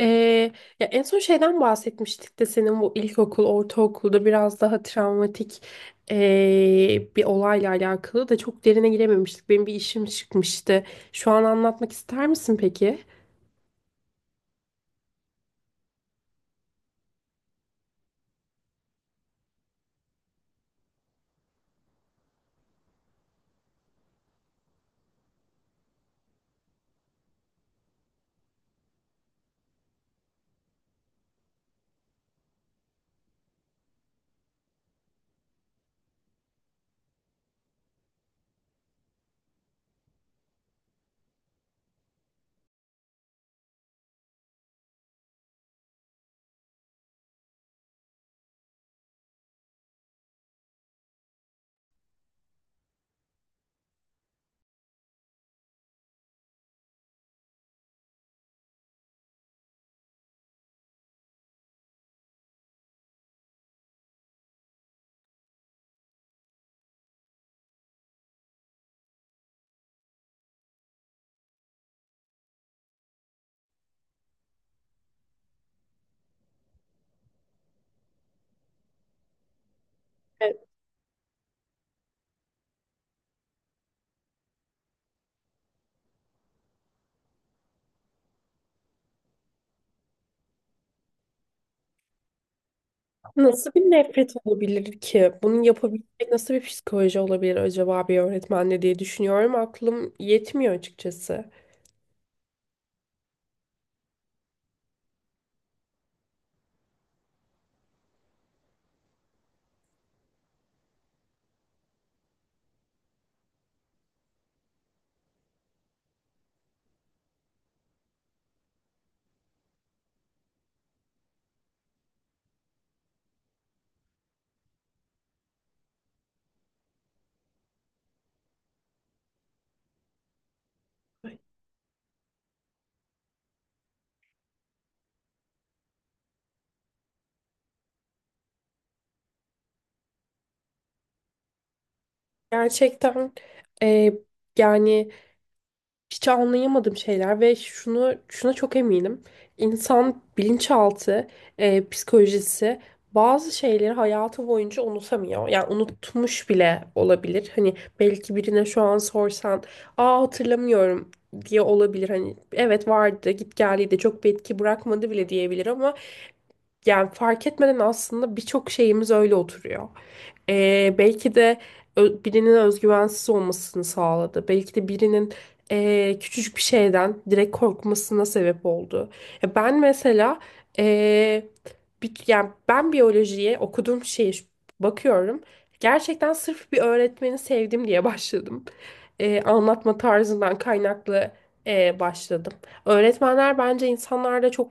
Ee, ya en son şeyden bahsetmiştik de senin bu ilkokul, ortaokulda biraz daha travmatik bir olayla alakalı da çok derine girememiştik. Benim bir işim çıkmıştı. Şu an anlatmak ister misin peki? Evet. Nasıl bir nefret olabilir ki? Bunu yapabilecek nasıl bir psikoloji olabilir acaba bir öğretmenle diye düşünüyorum. Aklım yetmiyor açıkçası. Gerçekten e, yani hiç anlayamadığım şeyler ve şunu şuna çok eminim. İnsan bilinçaltı, psikolojisi bazı şeyleri hayatı boyunca unutamıyor. Yani unutmuş bile olabilir. Hani belki birine şu an sorsan, "Aa, hatırlamıyorum." diye olabilir. Hani evet vardı, git geldi de çok bir etki bırakmadı bile diyebilir ama yani fark etmeden aslında birçok şeyimiz öyle oturuyor. Belki de birinin özgüvensiz olmasını sağladı. Belki de birinin küçücük bir şeyden direkt korkmasına sebep oldu. Ya ben mesela ee, bir, yani ben biyolojiye okuduğum şeye bakıyorum. Gerçekten sırf bir öğretmeni sevdim diye başladım. Anlatma tarzından kaynaklı başladım. Öğretmenler bence insanlarda çok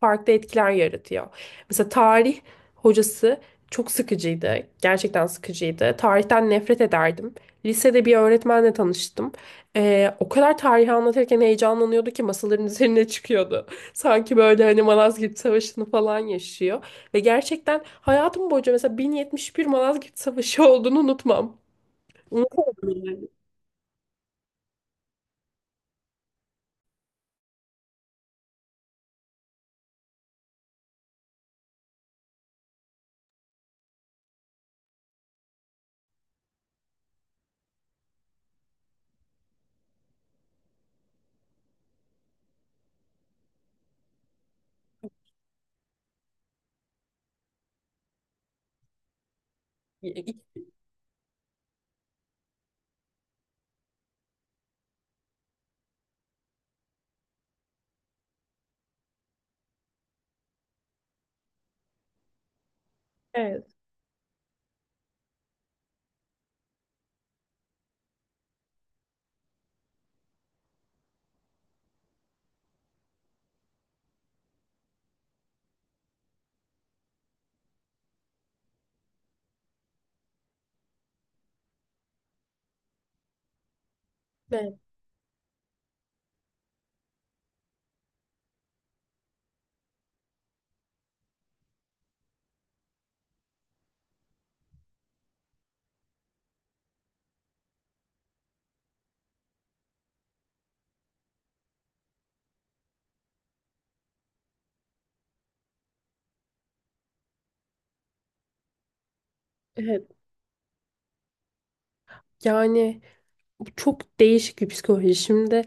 farklı etkiler yaratıyor. Mesela tarih hocası çok sıkıcıydı. Gerçekten sıkıcıydı. Tarihten nefret ederdim. Lisede bir öğretmenle tanıştım. O kadar tarihi anlatırken heyecanlanıyordu ki masaların üzerine çıkıyordu. Sanki böyle hani Malazgirt Savaşı'nı falan yaşıyor. Ve gerçekten hayatım boyunca mesela 1071 Malazgirt Savaşı olduğunu unutmam. Unutamam. Evet, evet, evet. Yani çok değişik bir psikoloji. Şimdi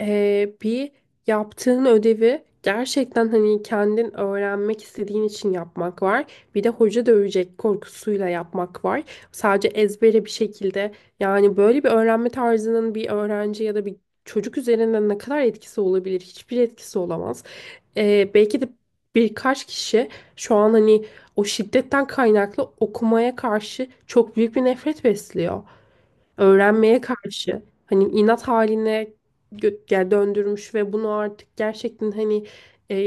Bir yaptığın ödevi gerçekten hani kendin öğrenmek istediğin için yapmak var. Bir de hoca dövecek korkusuyla yapmak var. Sadece ezbere bir şekilde yani böyle bir öğrenme tarzının bir öğrenci ya da bir çocuk üzerinden ne kadar etkisi olabilir? Hiçbir etkisi olamaz. Belki de birkaç kişi şu an hani o şiddetten kaynaklı okumaya karşı çok büyük bir nefret besliyor, öğrenmeye karşı hani inat haline yani döndürmüş ve bunu artık gerçekten hani e,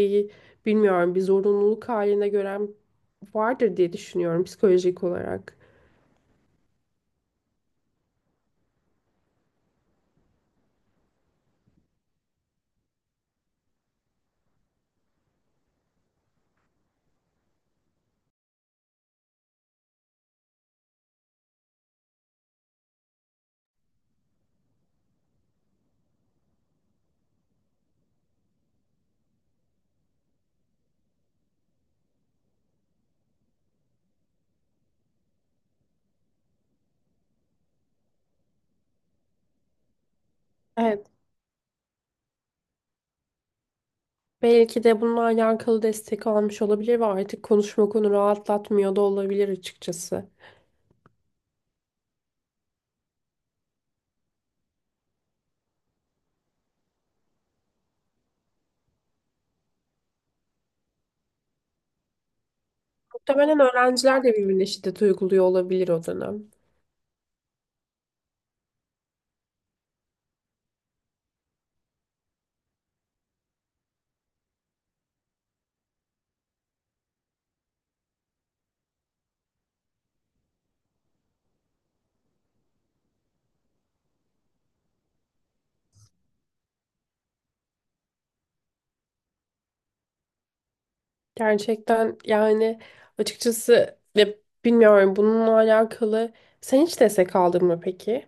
bilmiyorum bir zorunluluk haline gören vardır diye düşünüyorum psikolojik olarak. Evet. Belki de bununla alakalı destek almış olabilir ve artık konuşma konu rahatlatmıyor da olabilir açıkçası. Muhtemelen öğrenciler de birbirine şiddet uyguluyor olabilir o dönem. Gerçekten yani açıkçası ya bilmiyorum bununla alakalı. Sen hiç destek aldın mı peki?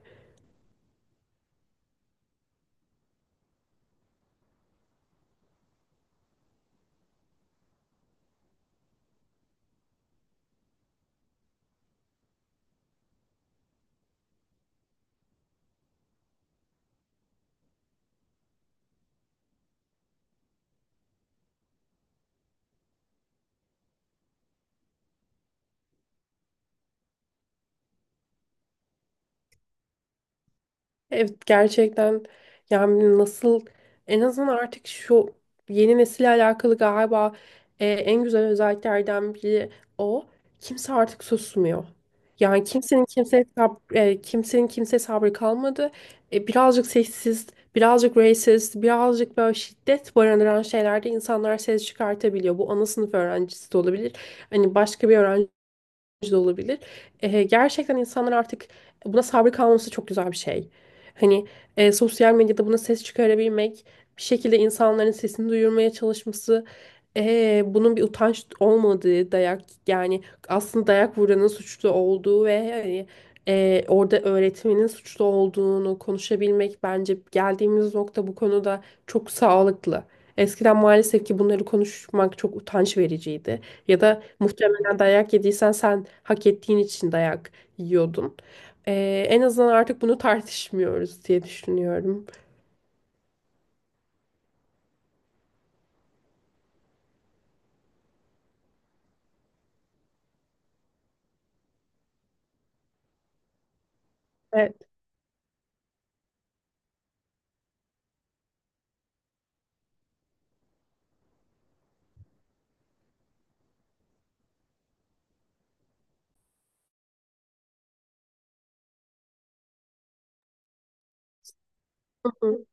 Evet, gerçekten yani nasıl, en azından artık şu yeni nesille alakalı galiba en güzel özelliklerden biri o. Kimse artık susmuyor. Yani kimsenin kimseye kimsenin kimseye sabrı kalmadı. E, birazcık seksist, birazcık racist, birazcık böyle şiddet barındıran şeylerde insanlar ses çıkartabiliyor. Bu ana sınıf öğrencisi de olabilir. Hani başka bir öğrenci da olabilir. Gerçekten insanlar artık buna sabır kalması çok güzel bir şey. Hani sosyal medyada buna ses çıkarabilmek, bir şekilde insanların sesini duyurmaya çalışması, bunun bir utanç olmadığı dayak, yani aslında dayak vuranın suçlu olduğu ve hani orada öğretmenin suçlu olduğunu konuşabilmek bence geldiğimiz nokta bu konuda çok sağlıklı. Eskiden maalesef ki bunları konuşmak çok utanç vericiydi. Ya da muhtemelen dayak yediysen sen hak ettiğin için dayak yiyordun. En azından artık bunu tartışmıyoruz diye düşünüyorum. Evet. Hı hı.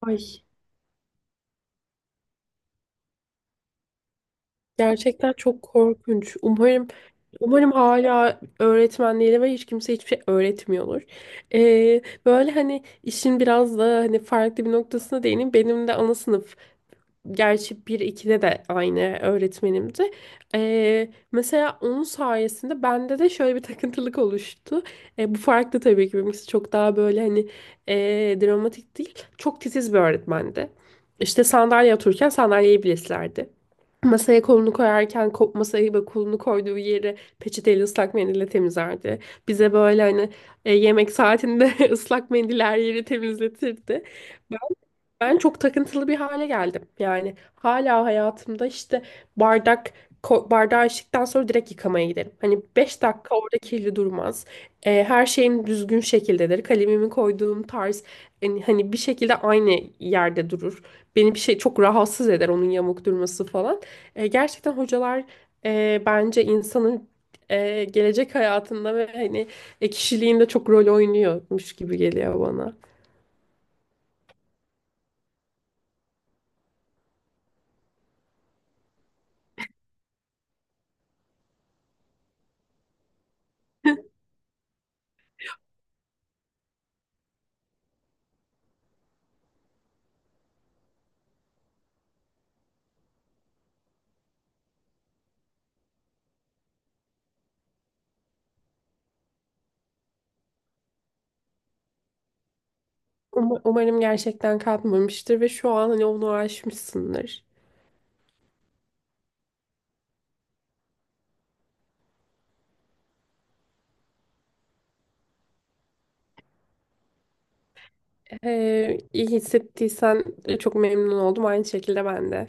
Ay. Gerçekten çok korkunç. Umarım, umarım hala öğretmenleri ve hiç kimse hiçbir şey öğretmiyordur. Böyle hani işin biraz da hani farklı bir noktasına değineyim. Benim de ana sınıf, gerçi bir 2'de de aynı öğretmenimdi. Mesela onun sayesinde bende de şöyle bir takıntılık oluştu. Bu farklı, tabii ki benimkisi çok daha böyle hani dramatik değil. Çok titiz bir öğretmendi. İşte sandalye otururken sandalyeyi bile silerdi. Masaya kolunu koyarken masayı ve kolunu koyduğu yeri peçeteyle ıslak mendille temizlerdi. Bize böyle hani yemek saatinde ıslak mendiller yeri temizletirdi. Ben çok takıntılı bir hale geldim. Yani hala hayatımda işte bardak, bardağı içtikten sonra direkt yıkamaya giderim. Hani 5 dakika orada kirli durmaz. Her şeyim düzgün şekildedir. Kalemimi koyduğum tarz hani, hani bir şekilde aynı yerde durur. Beni bir şey çok rahatsız eder, onun yamuk durması falan. Gerçekten hocalar bence insanın gelecek hayatında ve hani kişiliğinde çok rol oynuyormuş gibi geliyor bana. Umarım gerçekten kalkmamıştır ve şu an hani onu aşmışsındır. İyi hissettiysen çok memnun oldum. Aynı şekilde ben de.